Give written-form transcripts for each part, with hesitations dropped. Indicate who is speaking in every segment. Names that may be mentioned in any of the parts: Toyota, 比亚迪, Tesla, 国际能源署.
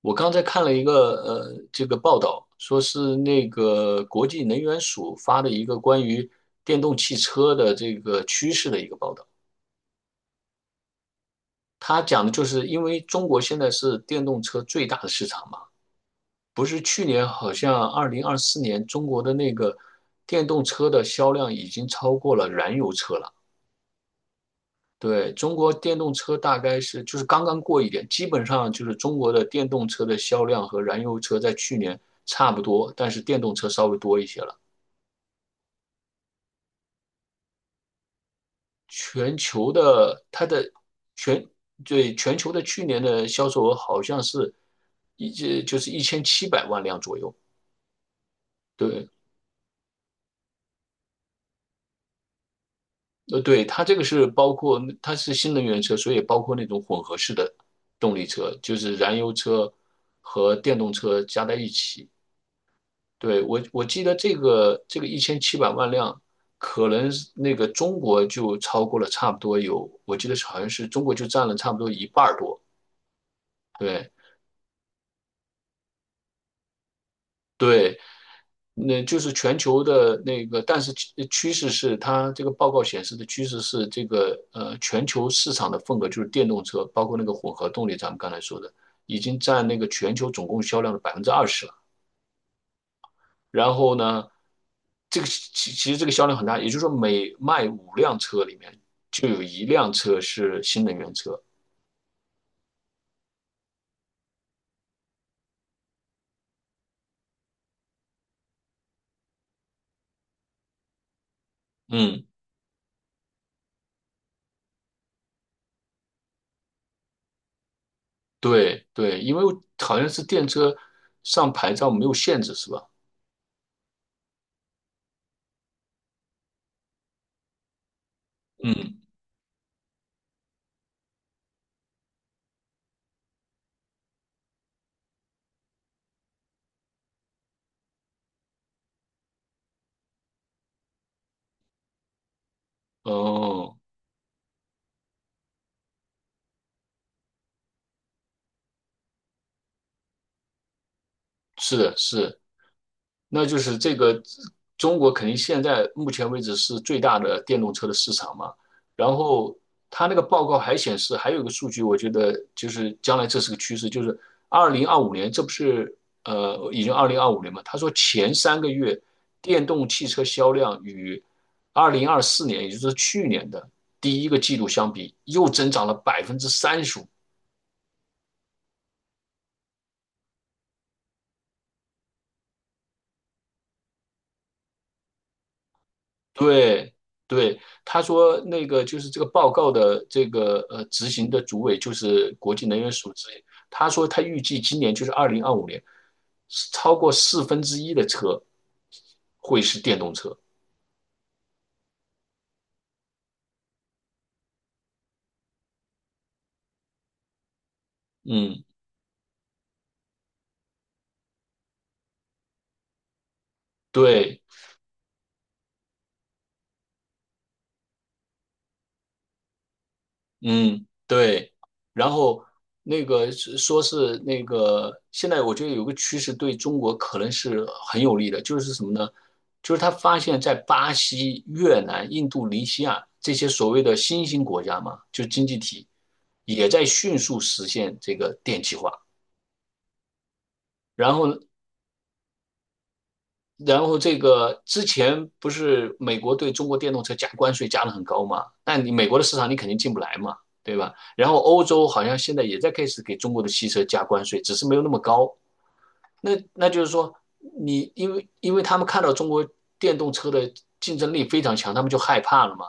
Speaker 1: 我刚才看了这个报道，说是那个国际能源署发的一个关于电动汽车的这个趋势的一个报道。他讲的就是因为中国现在是电动车最大的市场嘛，不是去年好像二零二四年中国的那个电动车的销量已经超过了燃油车了。对，中国电动车大概就是刚刚过一点，基本上就是中国的电动车的销量和燃油车在去年差不多，但是电动车稍微多一些了。全球的它的全对，全球的去年的销售额好像是一就是一千七百万辆左右。对，对，它这个是包括它是新能源车，所以包括那种混合式的动力车，就是燃油车和电动车加在一起。对，我记得这个一千七百万辆，可能是那个中国就超过了差不多有，我记得是好像是中国就占了差不多一半儿多。对对，那就是全球的那个，但是趋势是它这个报告显示的趋势是这个全球市场的份额就是电动车，包括那个混合动力，咱们刚才说的，已经占那个全球总共销量的20%了。然后呢，这个其实这个销量很大，也就是说每卖五辆车里面就有一辆车是新能源车。嗯，对对，因为好像是电车上牌照没有限制是吧？嗯，哦，是的，是的。那就是这个中国肯定现在目前为止是最大的电动车的市场嘛。然后他那个报告还显示，还有一个数据，我觉得就是将来这是个趋势，就是二零二五年，这不是已经二零二五年嘛？他说前3个月电动汽车销量与二零二四年，也就是去年的第一个季度相比，又增长了35%。对对，他说那个就是这个报告的这个执行的主委就是国际能源署之一，他说他预计今年就是二零二五年，超过四分之一的车会是电动车。嗯，对，嗯，对。然后那个是说是那个，现在我觉得有个趋势对中国可能是很有利的，就是什么呢？就是他发现，在巴西、越南、印度尼西亚这些所谓的新兴国家嘛，就经济体，也在迅速实现这个电气化。然后这个之前不是美国对中国电动车加关税加的很高嘛？那你美国的市场你肯定进不来嘛，对吧？然后欧洲好像现在也在开始给中国的汽车加关税，只是没有那么高。那就是说，你因为他们看到中国电动车的竞争力非常强，他们就害怕了嘛。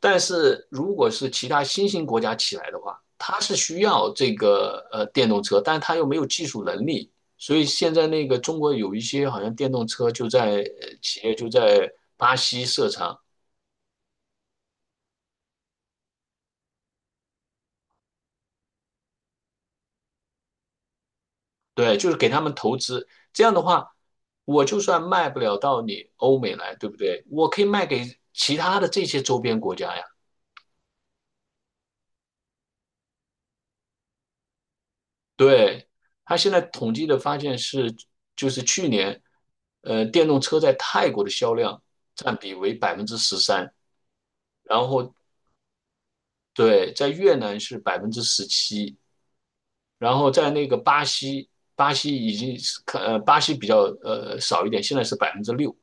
Speaker 1: 但是如果是其他新兴国家起来的话，它是需要这个电动车，但是它又没有技术能力，所以现在那个中国有一些好像电动车就在企业就在巴西设厂，对，就是给他们投资。这样的话，我就算卖不了到你欧美来，对不对？我可以卖给其他的这些周边国家呀。对，他现在统计的发现是，就是去年，电动车在泰国的销量占比为13%，然后对，在越南是17%，然后在那个巴西，巴西已经是看，呃，巴西比较少一点，现在是6%。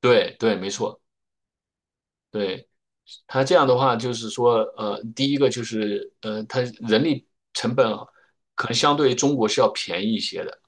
Speaker 1: 对对，没错，对。他这样的话，就是说，第一个就是，他人力成本啊可能相对于中国是要便宜一些的。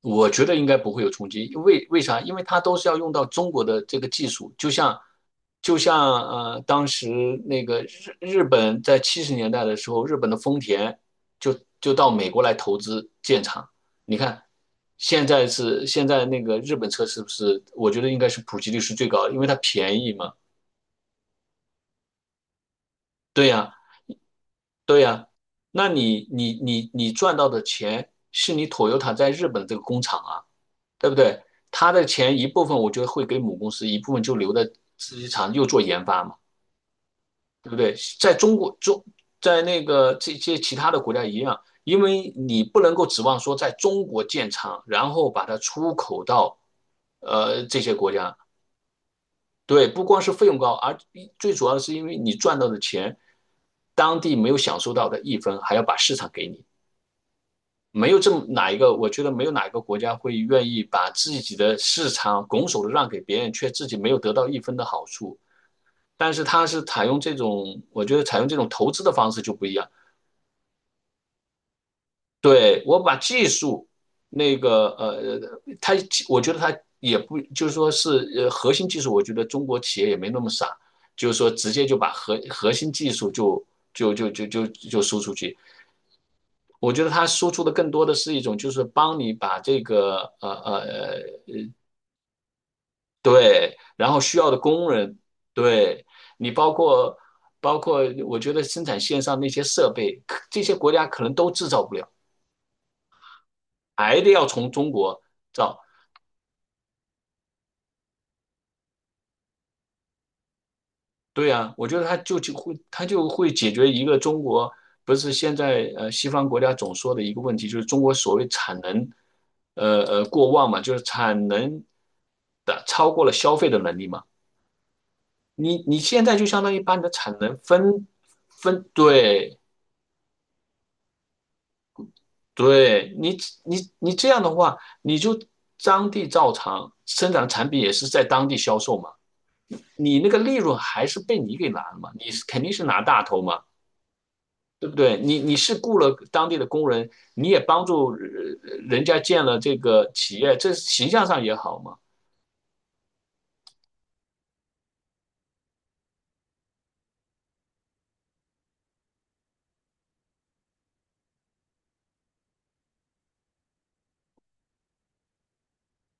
Speaker 1: 我觉得应该不会有冲击，为啥？因为它都是要用到中国的这个技术，就像当时那个日本在70年代的时候，日本的丰田就就到美国来投资建厂。你看，现在那个日本车是不是？我觉得应该是普及率是最高的，因为它便宜嘛。对呀，对呀。那你赚到的钱是你 Toyota 在日本这个工厂啊。对不对？他的钱一部分我觉得会给母公司，一部分就留在自己厂又做研发嘛，对不对？在中国中，在那个这些其他的国家一样，因为你不能够指望说在中国建厂，然后把它出口到这些国家。对，不光是费用高，而最主要的是因为你赚到的钱，当地没有享受到的一分，还要把市场给你。没有这么哪一个，我觉得没有哪一个国家会愿意把自己的市场拱手的让给别人，却自己没有得到一分的好处。但是它是采用这种，我觉得采用这种投资的方式就不一样。对，我把技术那个它我觉得它也不就是说是核心技术，我觉得中国企业也没那么傻，就是说直接就把核心技术就就输出去。我觉得它输出的更多的是一种，就是帮你把这个。对，然后需要的工人。对，你包括，我觉得生产线上那些设备，可这些国家可能都制造不了，还得要从中国造。对啊，我觉得它就会解决一个中国不是现在西方国家总说的一个问题，就是中国所谓产能过旺嘛，就是产能的超过了消费的能力嘛。你现在就相当于把你的产能分对对你，你这样的话，你就当地照常生产的产品也是在当地销售嘛，你那个利润还是被你给拿了嘛，你是肯定是拿大头嘛，对不对？你是雇了当地的工人，你也帮助人家建了这个企业，这形象上也好嘛。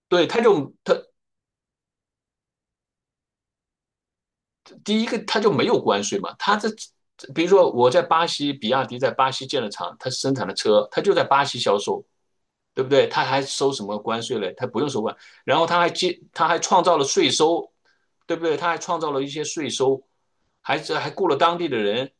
Speaker 1: 对，他第一个他就没有关税嘛。比如说我在巴西，比亚迪在巴西建了厂，他生产的车，他就在巴西销售，对不对？他还收什么关税嘞？他不用收关，然后他还创造了税收，对不对？他还创造了一些税收，还雇了当地的人，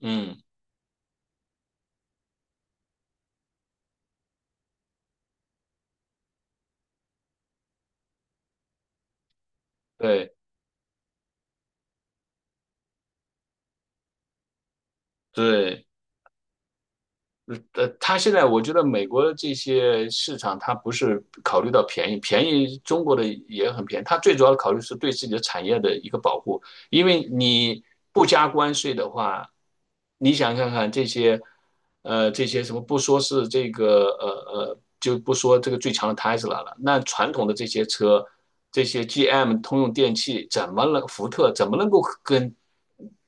Speaker 1: 嗯，对对。他现在我觉得美国这些市场，它不是考虑到便宜，便宜中国的也很便宜，它最主要的考虑是对自己的产业的一个保护，因为你不加关税的话，你想看看这些，这些什么不说是这个，就不说这个最强的 Tesla 了，那传统的这些车，这些 GM、通用电器怎么能，福特怎么能够跟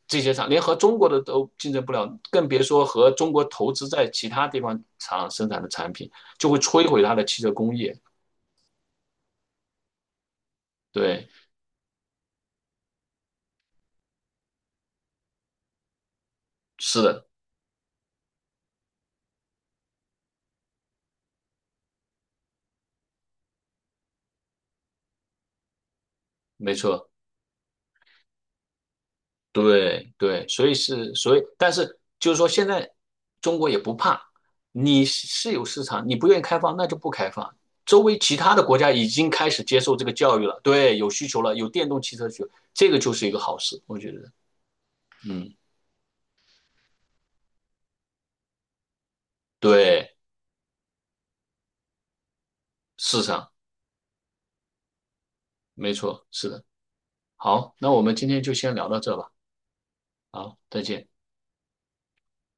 Speaker 1: 这些厂，连和中国的都竞争不了，更别说和中国投资在其他地方厂生产的产品，就会摧毁它的汽车工业。对，是的，没错，对对，所以，但是就是说，现在中国也不怕，你是有市场，你不愿意开放，那就不开放。周围其他的国家已经开始接受这个教育了，对，有需求了，有电动汽车需求，这个就是一个好事，我觉得，嗯，对，市场没错，是的。好，那我们今天就先聊到这吧。好，再见。